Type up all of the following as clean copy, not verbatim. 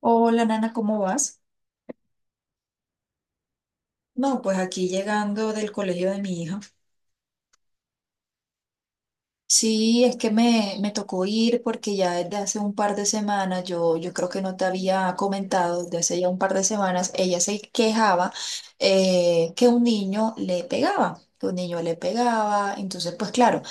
Hola, Nana, ¿cómo vas? No, pues aquí llegando del colegio de mi hija. Sí, es que me tocó ir porque ya desde hace un par de semanas, yo creo que no te había comentado, desde hace ya un par de semanas, ella se quejaba, que un niño le pegaba, que un niño le pegaba. Entonces, pues claro,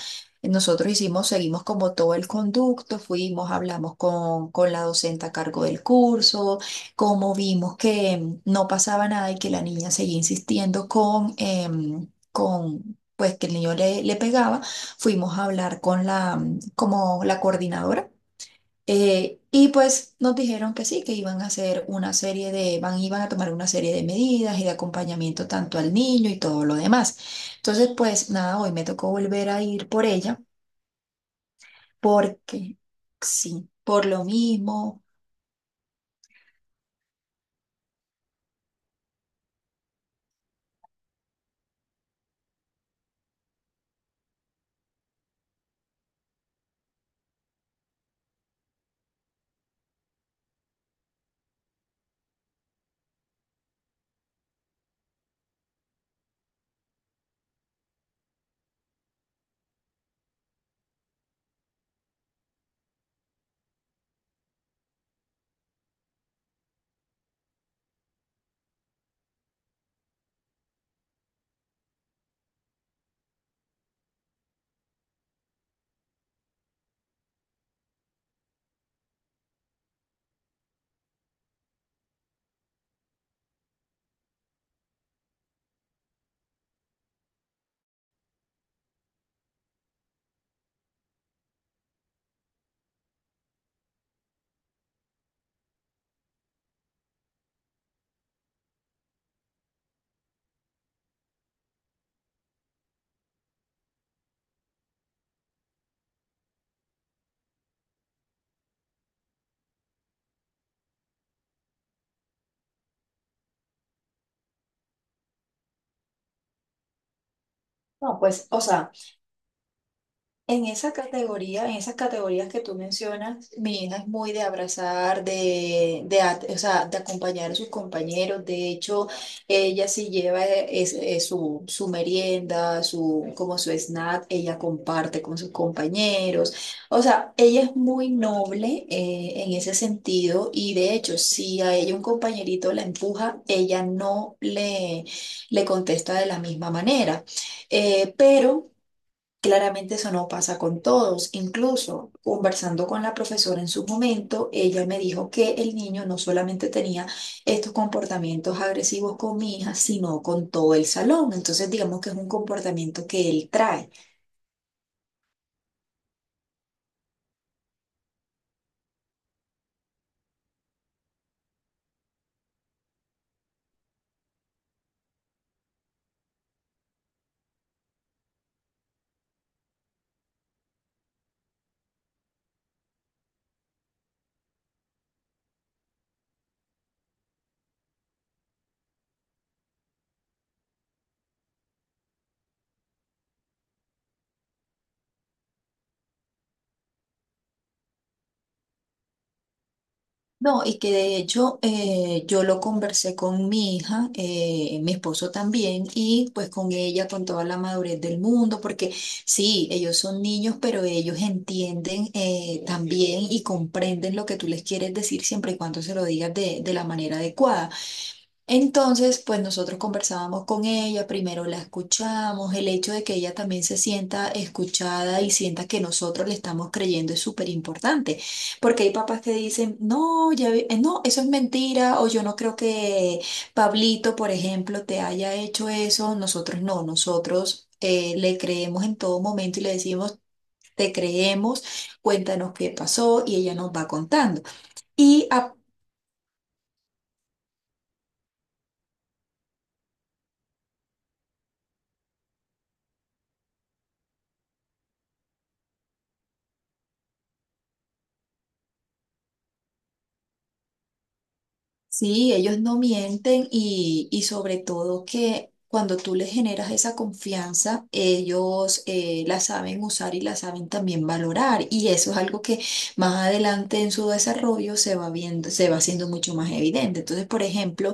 nosotros hicimos, seguimos como todo el conducto, fuimos, hablamos con la docente a cargo del curso, como vimos que no pasaba nada y que la niña seguía insistiendo con pues que el niño le pegaba, fuimos a hablar con la, como la coordinadora. Y pues nos dijeron que sí, que iban a hacer una serie de, iban a tomar una serie de medidas y de acompañamiento tanto al niño y todo lo demás. Entonces, pues nada, hoy me tocó volver a ir por ella porque sí, por lo mismo. No, pues, o sea. En esa categoría, en esas categorías que tú mencionas, mi hija es muy de abrazar, o sea, de acompañar a sus compañeros. De hecho, ella sí lleva su merienda, su, como su snack, ella comparte con sus compañeros. O sea, ella es muy noble, en ese sentido y de hecho, si a ella un compañerito la empuja, ella no le, le contesta de la misma manera. Eh, pero... Claramente eso no pasa con todos. Incluso conversando con la profesora en su momento, ella me dijo que el niño no solamente tenía estos comportamientos agresivos con mi hija, sino con todo el salón. Entonces digamos que es un comportamiento que él trae. No, y que de hecho, yo lo conversé con mi hija, mi esposo también, y pues con ella, con toda la madurez del mundo, porque sí, ellos son niños, pero ellos entienden, también y comprenden lo que tú les quieres decir siempre y cuando se lo digas de la manera adecuada. Entonces, pues nosotros conversábamos con ella, primero la escuchamos, el hecho de que ella también se sienta escuchada y sienta que nosotros le estamos creyendo es súper importante, porque hay papás que dicen, no, no, eso es mentira, o yo no creo que Pablito, por ejemplo, te haya hecho eso, nosotros no, nosotros le creemos en todo momento y le decimos, te creemos, cuéntanos qué pasó y ella nos va contando. Y Sí, ellos no mienten y sobre todo que cuando tú les generas esa confianza, ellos, la saben usar y la saben también valorar. Y eso es algo que más adelante en su desarrollo se va viendo, se va haciendo mucho más evidente. Entonces, por ejemplo,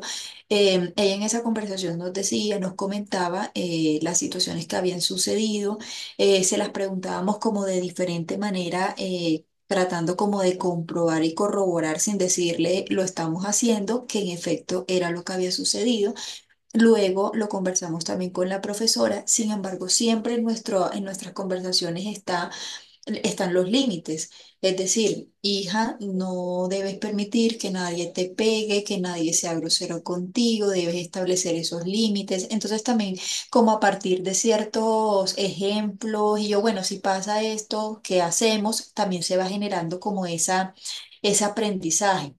ella en esa conversación nos decía, nos comentaba, las situaciones que habían sucedido, se las preguntábamos como de diferente manera, tratando como de comprobar y corroborar sin decirle lo estamos haciendo, que en efecto era lo que había sucedido. Luego lo conversamos también con la profesora, sin embargo, siempre en nuestras conversaciones están los límites. Es decir, hija, no debes permitir que nadie te pegue, que nadie sea grosero contigo, debes establecer esos límites. Entonces también, como a partir de ciertos ejemplos y yo, bueno, si pasa esto, ¿qué hacemos? También se va generando como ese aprendizaje,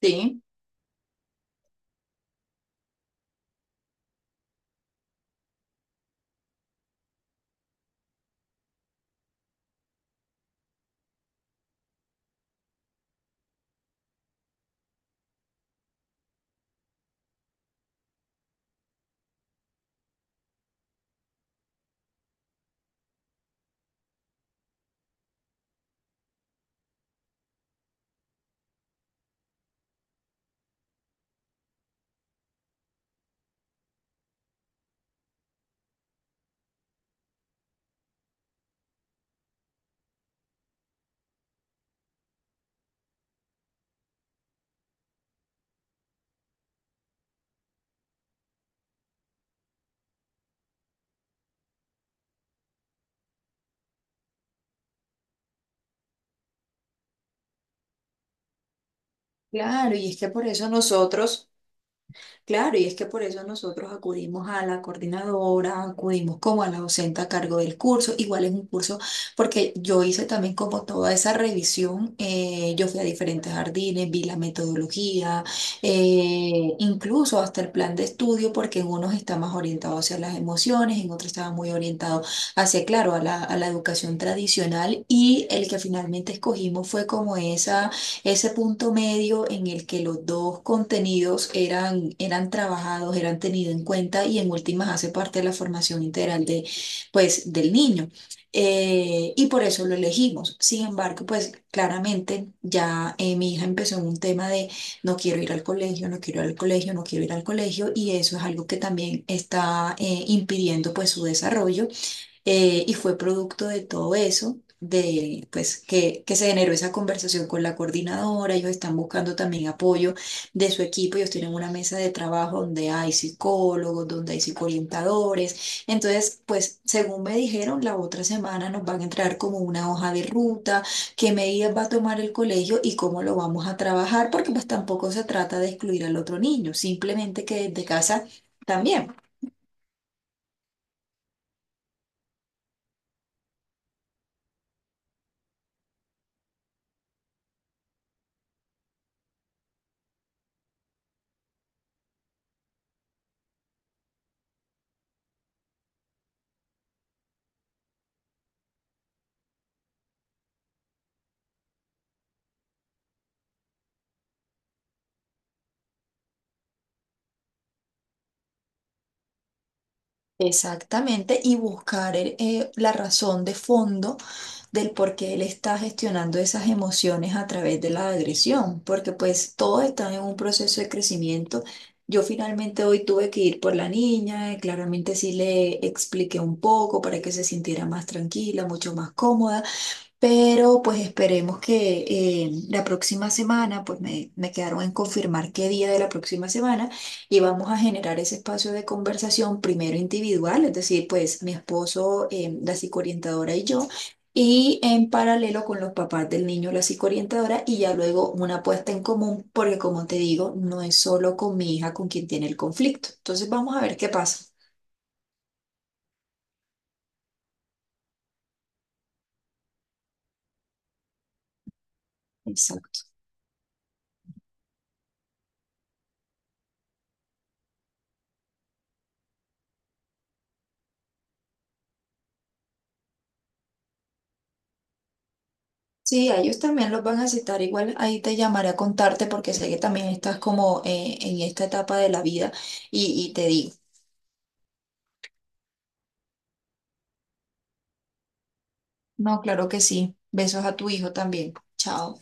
¿sí? Claro, y es que por eso nosotros... Claro, y es que por eso nosotros acudimos a la coordinadora, acudimos como a la docente a cargo del curso, igual es un curso, porque yo hice también como toda esa revisión, yo fui a diferentes jardines, vi la metodología, incluso hasta el plan de estudio, porque en unos está más orientado hacia las emociones, en otros estaba muy orientado hacia, claro, a la educación tradicional y el que finalmente escogimos fue como esa ese punto medio en el que los dos contenidos eran trabajados, eran tenidos en cuenta y en últimas hace parte de la formación integral de, pues, del niño. Y por eso lo elegimos. Sin embargo, pues claramente ya, mi hija empezó en un tema de no quiero ir al colegio, no quiero ir al colegio, no quiero ir al colegio y eso es algo que también está, impidiendo pues su desarrollo. Y fue producto de todo eso, de pues que se generó esa conversación con la coordinadora, ellos están buscando también apoyo de su equipo, ellos tienen una mesa de trabajo donde hay psicólogos, donde hay psicoorientadores, entonces pues según me dijeron, la otra semana nos van a entrar como una hoja de ruta, qué medidas va a tomar el colegio y cómo lo vamos a trabajar, porque pues tampoco se trata de excluir al otro niño, simplemente que desde casa... También. Exactamente, y buscar la razón de fondo del por qué él está gestionando esas emociones a través de la agresión, porque pues todos están en un proceso de crecimiento. Yo finalmente hoy tuve que ir por la niña, claramente sí le expliqué un poco para que se sintiera más tranquila, mucho más cómoda. Pero pues esperemos que, la próxima semana, pues me quedaron en confirmar qué día de la próxima semana y vamos a generar ese espacio de conversación primero individual, es decir, pues mi esposo, la psicoorientadora y yo, y en paralelo con los papás del niño, la psicoorientadora, y ya luego una puesta en común, porque como te digo, no es solo con mi hija con quien tiene el conflicto. Entonces vamos a ver qué pasa. Exacto. Sí, a ellos también los van a citar. Igual ahí te llamaré a contarte porque sé que también estás como, en esta etapa de la vida y te digo. No, claro que sí. Besos a tu hijo también. Chao.